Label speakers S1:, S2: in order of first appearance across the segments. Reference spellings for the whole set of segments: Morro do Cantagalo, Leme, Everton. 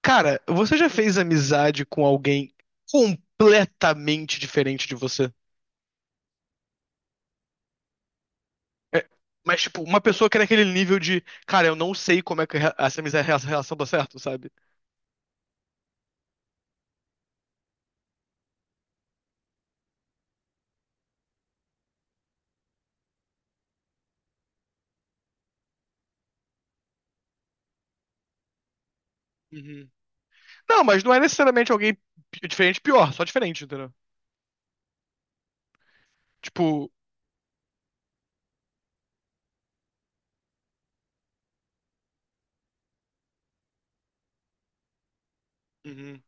S1: Cara, você já fez amizade com alguém completamente diferente de você? É, mas, tipo, uma pessoa que era aquele nível de, cara, eu não sei como é que essa amizade, essa relação dá certo, sabe? Uhum. Não, mas não é necessariamente alguém diferente, pior, só diferente, entendeu? Tipo, uhum,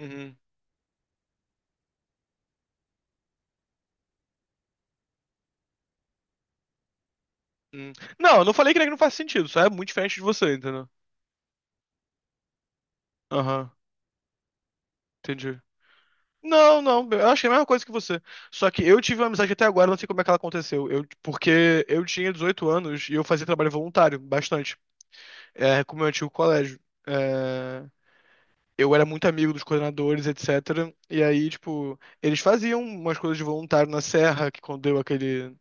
S1: uhum, uhum, não, eu não falei que não faz sentido, só é muito diferente de você, entendeu? Aham, entendi. Não, não, eu achei a mesma coisa que você. Só que eu tive uma amizade até agora, não sei como é que ela aconteceu. Eu, porque eu tinha 18 anos e eu fazia trabalho voluntário, bastante, é, com o meu antigo colégio. É, eu era muito amigo dos coordenadores, etc. E aí, tipo, eles faziam umas coisas de voluntário na Serra, que quando deu aquele,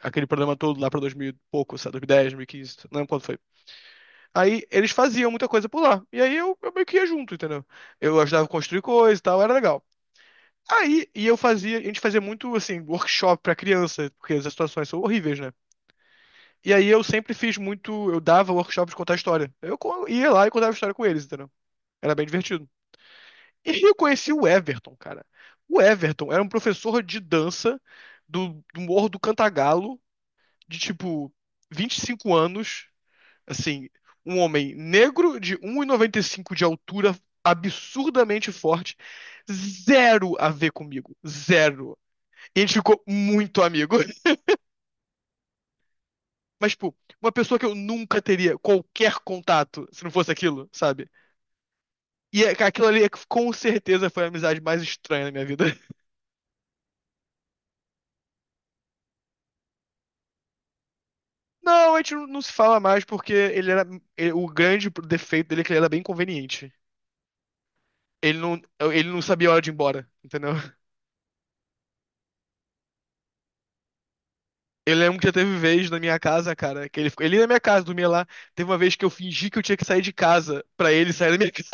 S1: aquele problema todo lá pra 2000 e pouco, sabe, 2010, 2015, não lembro quando foi. Aí eles faziam muita coisa por lá. E aí eu meio que ia junto, entendeu? Eu ajudava a construir coisa e tal, era legal. Aí, e eu fazia, a gente fazia muito, assim, workshop pra criança, porque as situações são horríveis, né? E aí eu sempre fiz muito, eu dava workshop de contar história. Ia lá e contava história com eles, entendeu? Era bem divertido. E aí eu conheci o Everton, cara. O Everton era um professor de dança do Morro do Cantagalo, de tipo 25 anos, assim, um homem negro de 1,95 de altura, absurdamente forte, zero a ver comigo, zero. E a gente ficou muito amigo. Mas, tipo, uma pessoa que eu nunca teria qualquer contato se não fosse aquilo, sabe? Cara, aquilo ali é que com certeza foi a amizade mais estranha da minha vida. Não, a gente não se fala mais porque ele era. O grande defeito dele é que ele era bem conveniente. Ele não, Ele não sabia a hora de ir embora, entendeu? Eu lembro que já teve vez na minha casa, cara, que ele ficou. Ele ia na minha casa, dormia lá. Teve uma vez que eu fingi que eu tinha que sair de casa pra ele sair da minha casa.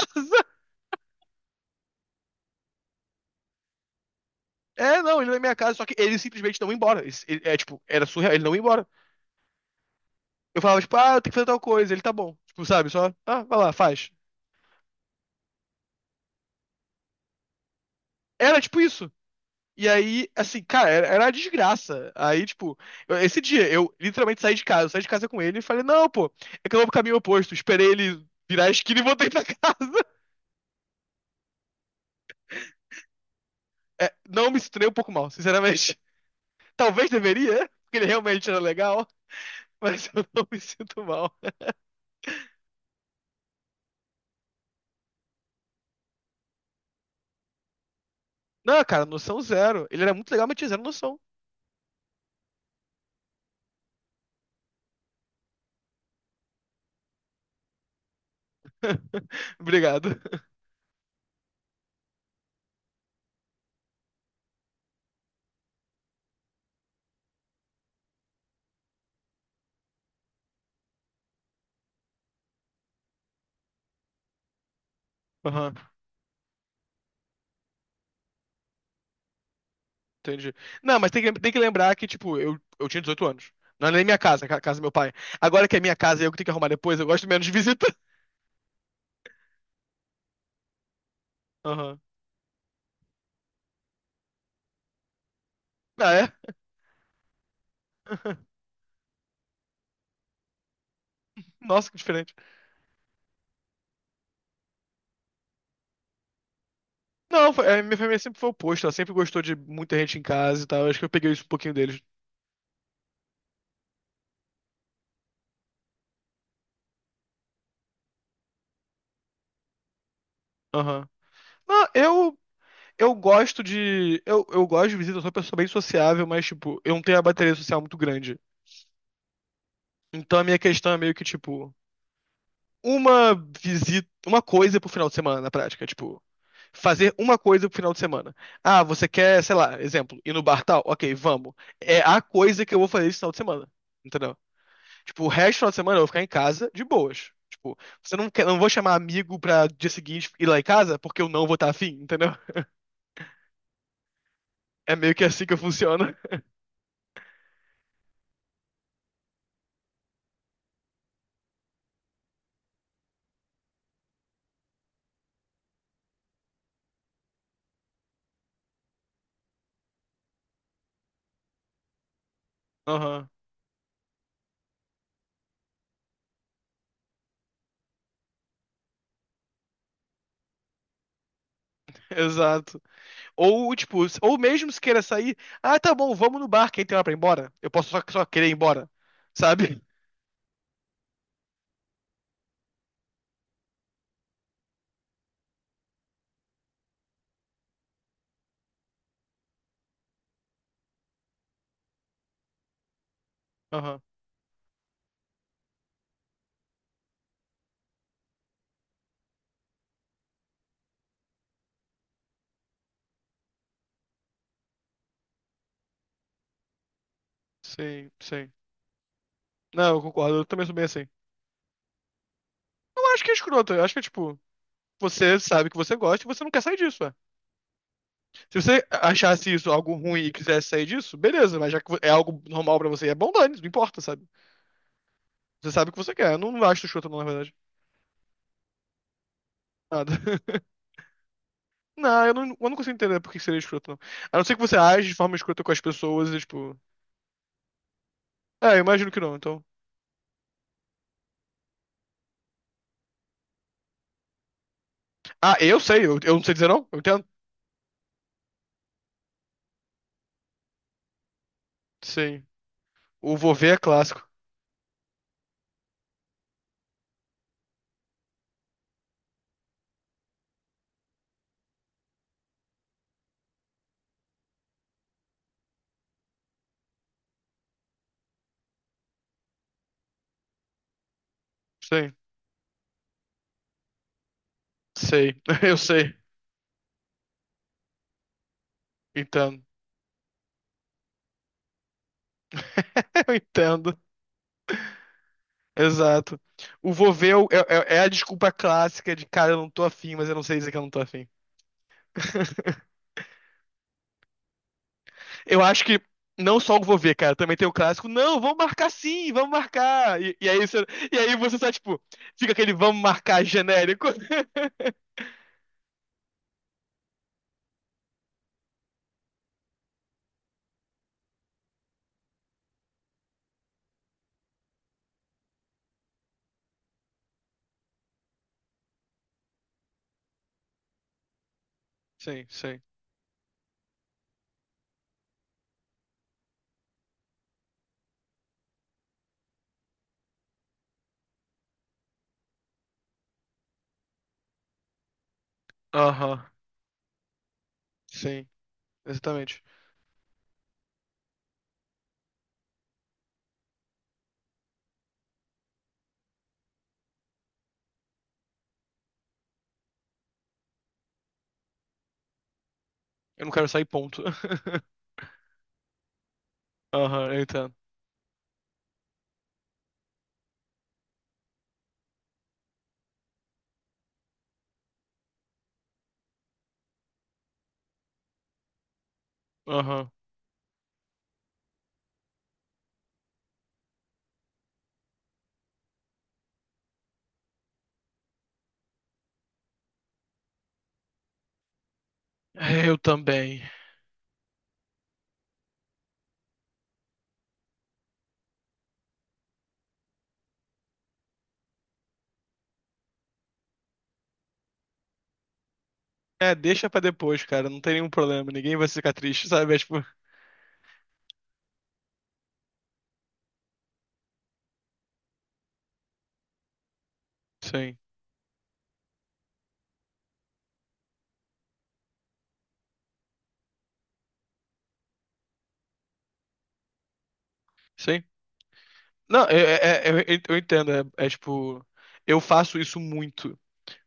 S1: É, não, ele ia na minha casa, só que ele simplesmente não ia embora. É tipo, era surreal, ele não ia embora. Eu falava, tipo, ah, eu tenho que fazer tal coisa, ele tá bom. Tipo, sabe, só, ah, vai lá, faz. Era tipo isso. E aí, assim, cara, era uma desgraça. Aí, tipo, esse dia eu literalmente saí de casa, eu saí de casa com ele e falei, não, pô, é que eu vou pro caminho oposto. Esperei ele virar a esquina e voltei pra casa. É, não me sinto nem um pouco mal, sinceramente. Talvez deveria, porque ele realmente era legal, mas eu não me sinto mal. Não, cara, noção zero. Ele era muito legal, mas tinha zero noção. Obrigado. Aham. Entendi. Não, mas tem que lembrar que, tipo, eu tinha 18 anos. Não era nem minha casa, a casa do meu pai. Agora que é minha casa e eu que tenho que arrumar depois, eu gosto menos de visita. Aham. Ah, é? Nossa, que diferente. Não, a minha família sempre foi oposta. Ela sempre gostou de muita gente em casa e tal. Acho que eu peguei isso um pouquinho deles. Aham. Não, eu gosto de. Eu gosto de visita, eu sou uma pessoa bem sociável, mas, tipo, eu não tenho a bateria social muito grande. Então a minha questão é meio que, tipo, uma visita, uma coisa pro final de semana, na prática. Tipo, fazer uma coisa pro final de semana. Ah, você quer, sei lá, exemplo, ir no bar tal? Ok, vamos. É a coisa que eu vou fazer esse final de semana. Entendeu? Tipo, o resto do final de semana eu vou ficar em casa de boas. Tipo, você não quer, não vou chamar amigo pra dia seguinte ir lá em casa porque eu não vou estar afim, entendeu? É meio que assim que funciona. Aham, exato. Ou, tipo, ou mesmo se queira sair, ah, tá bom, vamos no bar, quem tem hora pra ir embora? Eu posso só querer ir embora, sabe? Aham, sim, sim. Não, eu concordo, eu também sou bem assim. Eu acho que é escroto. Eu acho que é tipo, você sabe que você gosta e você não quer sair disso, ué. Se você achasse isso algo ruim e quisesse sair disso, beleza, mas já que é algo normal pra você, é bom dane, não importa, sabe? Você sabe o que você quer. Eu não acho escroto, não, na verdade. Nada. Não, eu não consigo entender por que seria escroto, não. A não ser que você age de forma escrota com as pessoas e, tipo. É, eu imagino que não, então. Ah, eu sei, eu não sei dizer não? Eu entendo? Sim. O vou ver é clássico. Sim. Sei. Eu sei. Entendo. Eu entendo. Exato. O vou ver é, é a desculpa clássica de, cara, eu não tô afim, mas eu não sei dizer que eu não tô afim. Eu acho que não só o vou ver, cara, também tem o clássico, não, vamos marcar sim, vamos marcar. E aí você, e aí você só, tipo, fica aquele vamos marcar genérico. Sim, sim. Aham, sim, exatamente. Eu não quero sair, ponto. Aham, eu entendo. Aham. Eu também. É, deixa pra depois, cara, não tem nenhum problema, ninguém vai ficar triste, sabe? É, tipo, sim. Sim, não, eu entendo. É, é tipo, eu faço isso muito.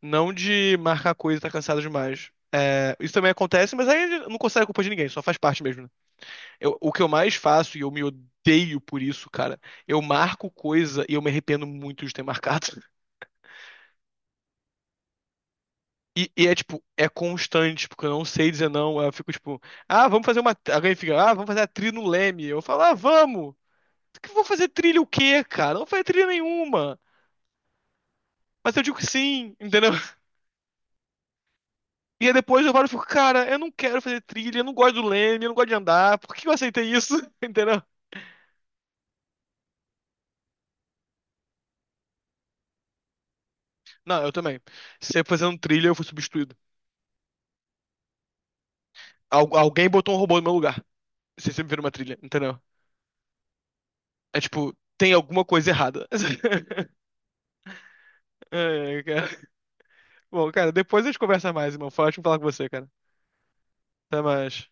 S1: Não de marcar coisa e tá cansado demais. É, isso também acontece, mas aí eu não consegue culpa de ninguém, só faz parte mesmo, né? O que eu mais faço, e eu me odeio por isso, cara, eu marco coisa e eu me arrependo muito de ter marcado. E é tipo, é constante, porque eu não sei dizer não. Eu fico tipo, ah, vamos fazer uma. Alguém fica, ah, vamos fazer a trilha no Leme. Eu falo, ah, vamos! Que eu vou fazer trilha o quê, cara? Não vou fazer trilha nenhuma. Mas eu digo sim, entendeu? E aí depois eu falo e fico, cara, eu não quero fazer trilha, eu não gosto do leme, eu não gosto de andar, por que eu aceitei isso? Entendeu? Não, eu também. Sempre fazendo trilha, eu fui substituído. Alguém botou um robô no meu lugar. Você sempre vira uma trilha, entendeu? É tipo, tem alguma coisa errada. É, cara. Bom, cara, depois a gente conversa mais, irmão. Foi ótimo falar com você, cara. Até mais.